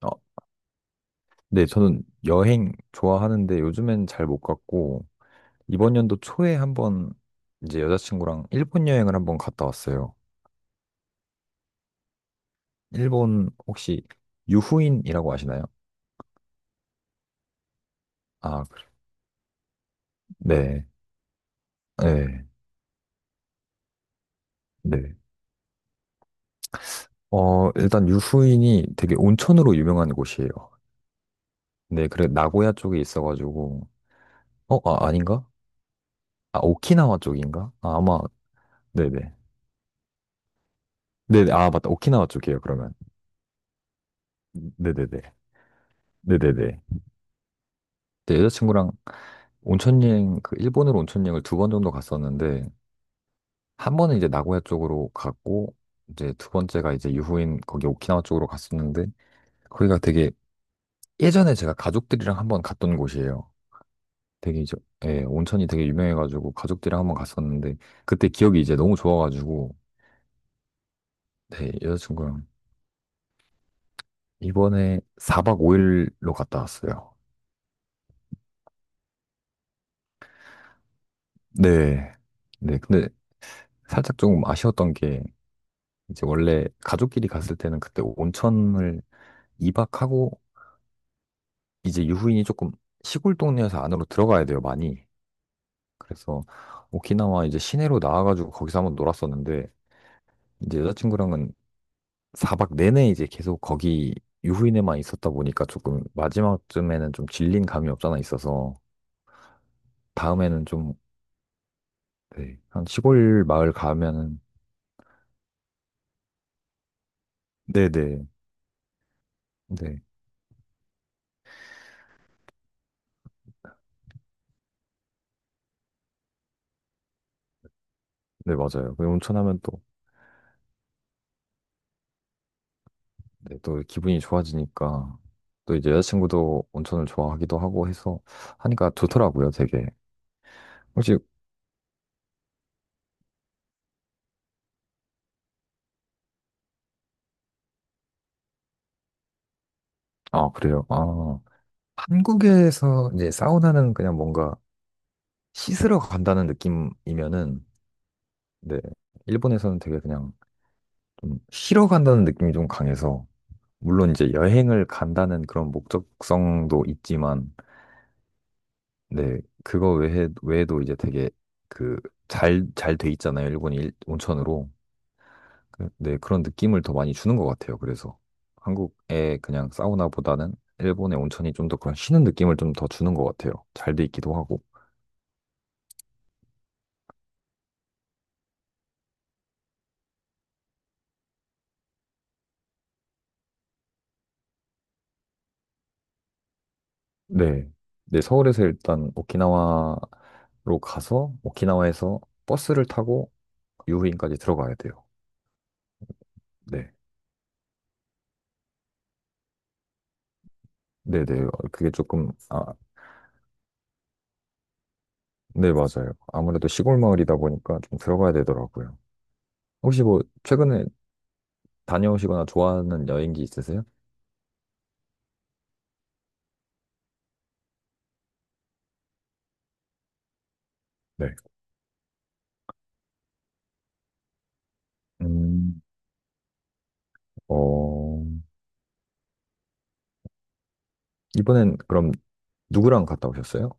어, 네, 저는 여행 좋아하는데 요즘엔 잘 못 갔고, 이번 연도 초에 한번 이제 여자친구랑 일본 여행을 한번 갔다 왔어요. 일본 혹시 유후인이라고 아시나요? 아, 네, 네, 네. 일단 유후인이 되게 온천으로 유명한 곳이에요. 네, 그래, 나고야 쪽에 있어가지고, 아, 아닌가? 아, 오키나와 쪽인가? 아, 아마, 네네. 네네, 아, 맞다. 오키나와 쪽이에요, 그러면. 네네네. 네네네. 네, 네. 네, 네, 네. 네, 여자친구랑 온천 여행 그 일본으로 온천 여행을 두 번 정도 갔었는데 한 번은 이제 나고야 쪽으로 갔고 이제 두 번째가 이제 유후인 거기 오키나와 쪽으로 갔었는데 거기가 되게 예전에 제가 가족들이랑 한번 갔던 곳이에요. 되게 이제 예, 온천이 되게 유명해가지고 가족들이랑 한번 갔었는데 그때 기억이 이제 너무 좋아가지고 네, 여자친구랑 이번에 4박 5일로 갔다 왔어요. 네. 네, 근데 살짝 조금 아쉬웠던 게 이제 원래 가족끼리 갔을 때는 그때 온천을 2박하고 이제 유후인이 조금 시골 동네에서 안으로 들어가야 돼요, 많이. 그래서 오키나와 이제 시내로 나와가지고 거기서 한번 놀았었는데 이제 여자친구랑은 4박 내내 이제 계속 거기 유후인에만 있었다 보니까 조금 마지막쯤에는 좀 질린 감이 없잖아 있어서 다음에는 좀 네, 한 시골 마을 가면은 네네 네, 네 맞아요. 그 온천하면 또, 네, 또 기분이 좋아지니까 또 이제 여자친구도 온천을 좋아하기도 하고 해서 하니까 좋더라고요, 되게. 혹시 아, 그래요. 아, 한국에서 이제 사우나는 그냥 뭔가 씻으러 간다는 느낌이면은, 네, 일본에서는 되게 그냥 좀 쉬러 간다는 느낌이 좀 강해서, 물론 이제 여행을 간다는 그런 목적성도 있지만, 네, 그거 외에도 이제 되게 그 잘 돼 있잖아요. 일본이 온천으로. 네, 그런 느낌을 더 많이 주는 것 같아요. 그래서 한국의 그냥 사우나보다는 일본의 온천이 좀 더 그런 쉬는 느낌을 좀 더 주는 것 같아요. 잘 돼 있기도 하고. 네. 네, 서울에서 일단 오키나와로 가서 오키나와에서 버스를 타고 유후인까지 들어가야 돼요. 네. 네네. 그게 조금, 아, 네, 맞아요. 아무래도 시골 마을이다 보니까 좀 들어가야 되더라고요. 혹시 뭐, 최근에 다녀오시거나 좋아하는 여행지 있으세요? 네. 음, 어, 이번엔 그럼 누구랑 갔다 오셨어요?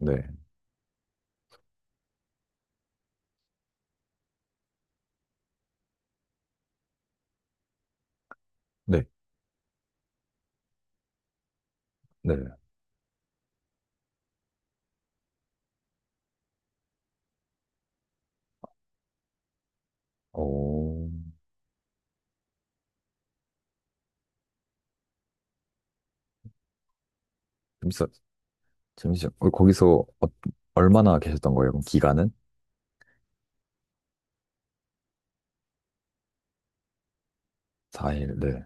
야, 네. 네. 네. 어, 재밌었, 잠시만. 거기서 얼마나 계셨던 거예요? 그럼 기간은? 4일, 네.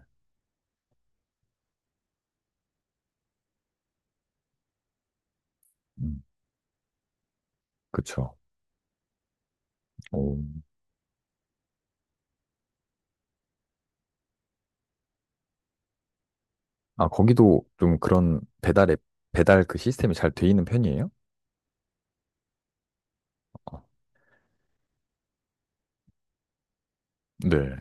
음, 그쵸. 오. 아, 거기도 좀 그런 배달 앱, 배달 그 시스템이 잘 돼 있는 편이에요? 어, 네.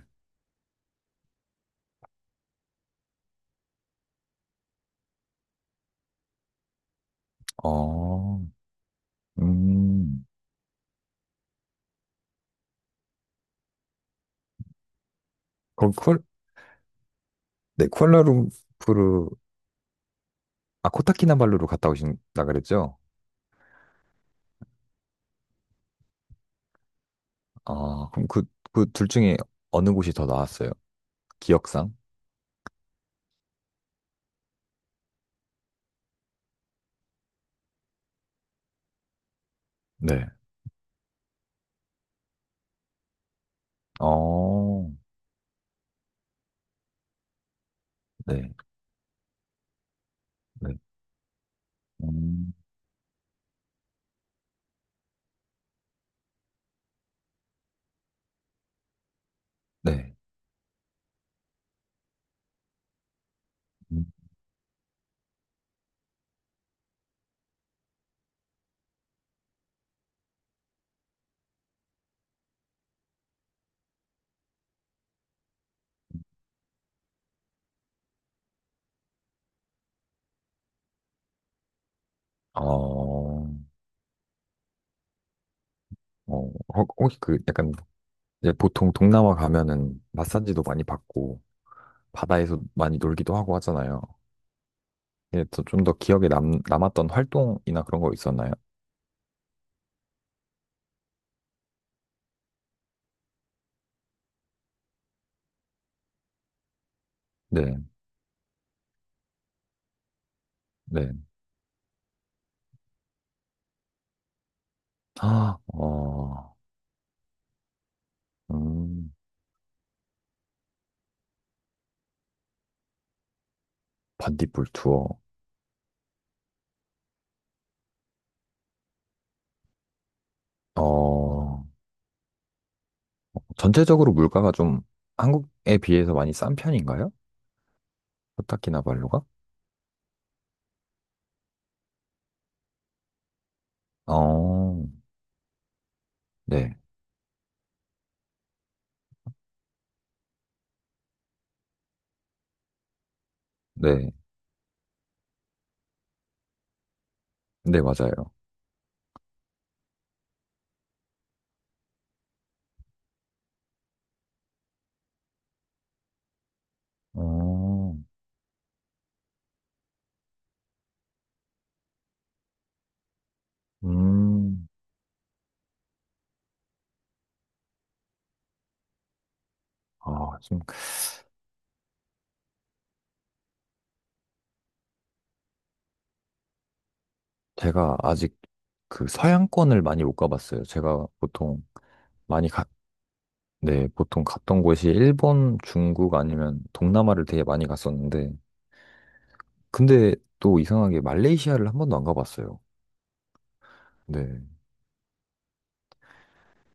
어, 음. 거기 쿠알, 네, 쿠알라룸푸르, 아, 코타키나발루로 갔다 오신다 그랬죠? 아, 그럼 그, 둘 중에 어느 곳이 더 나았어요? 기억상? 네. 어, 네, 네. 음, 네. 음. 어, 혹시 그 약간 이제 보통 동남아 가면은 마사지도 많이 받고 바다에서 많이 놀기도 하고 하잖아요. 이게 좀더 기억에 남았던 활동이나 그런 거 있었나요? 네, 네. 아, 음, 반딧불 투어. 어, 전체적으로 물가가 좀 한국에 비해서 많이 싼 편인가요? 코타키나발루가? 어, 네, 네, 네, 맞아요. 어, 음, 아, 제가 아직 그 서양권을 많이 못 가봤어요. 제가 보통 많이 갔, 네, 보통 갔던 곳이 일본, 중국 아니면 동남아를 되게 많이 갔었는데, 근데 또 이상하게 말레이시아를 한 번도 안 가봤어요. 네.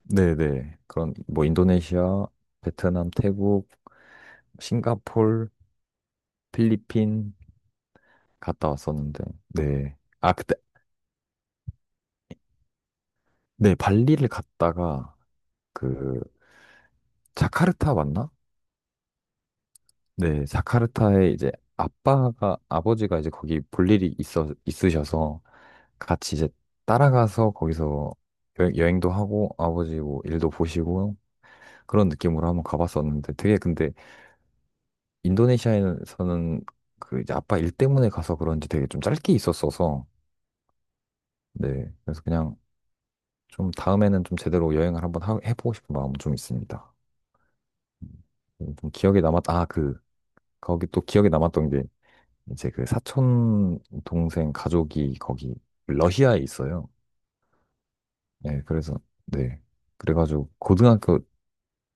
네네. 그런, 뭐, 인도네시아, 베트남, 태국, 싱가폴, 필리핀 갔다 왔었는데, 네. 아, 그때, 네, 발리를 갔다가, 그, 자카르타 맞나? 네, 자카르타에 이제 아빠가, 아버지가 이제 거기 볼 일이 있으셔서 같이 이제 따라가서 거기서 여행, 도 하고 아버지 뭐 일도 보시고 그런 느낌으로 한번 가봤었는데 되게 근데 인도네시아에서는 그 이제 아빠 일 때문에 가서 그런지 되게 좀 짧게 있었어서 네, 그래서 그냥 좀 다음에는 좀 제대로 여행을 한번 해보고 싶은 마음 좀 있습니다. 좀 기억에 아, 그, 거기 또 기억에 남았던 게 이제 그 사촌 동생 가족이 거기 러시아에 있어요. 네, 그래서 네. 그래가지고 고등학교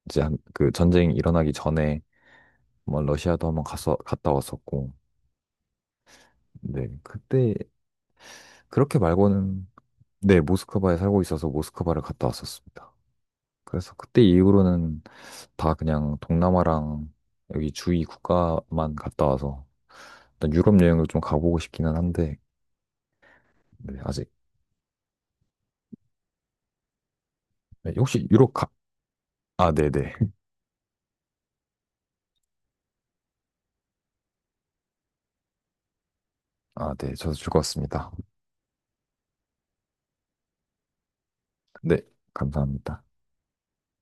이제 그 전쟁이 일어나기 전에 뭐 러시아도 한번 갔어 갔다 왔었고, 네 그때 그렇게 말고는 네 모스크바에 살고 있어서 모스크바를 갔다 왔었습니다. 그래서 그때 이후로는 다 그냥 동남아랑 여기 주위 국가만 갔다 와서 일단 유럽 여행을 좀 가보고 싶기는 한데 네, 아직 네, 혹시 유럽 가 아 네네 아, 네, 저도 즐거웠습니다. 네, 감사합니다.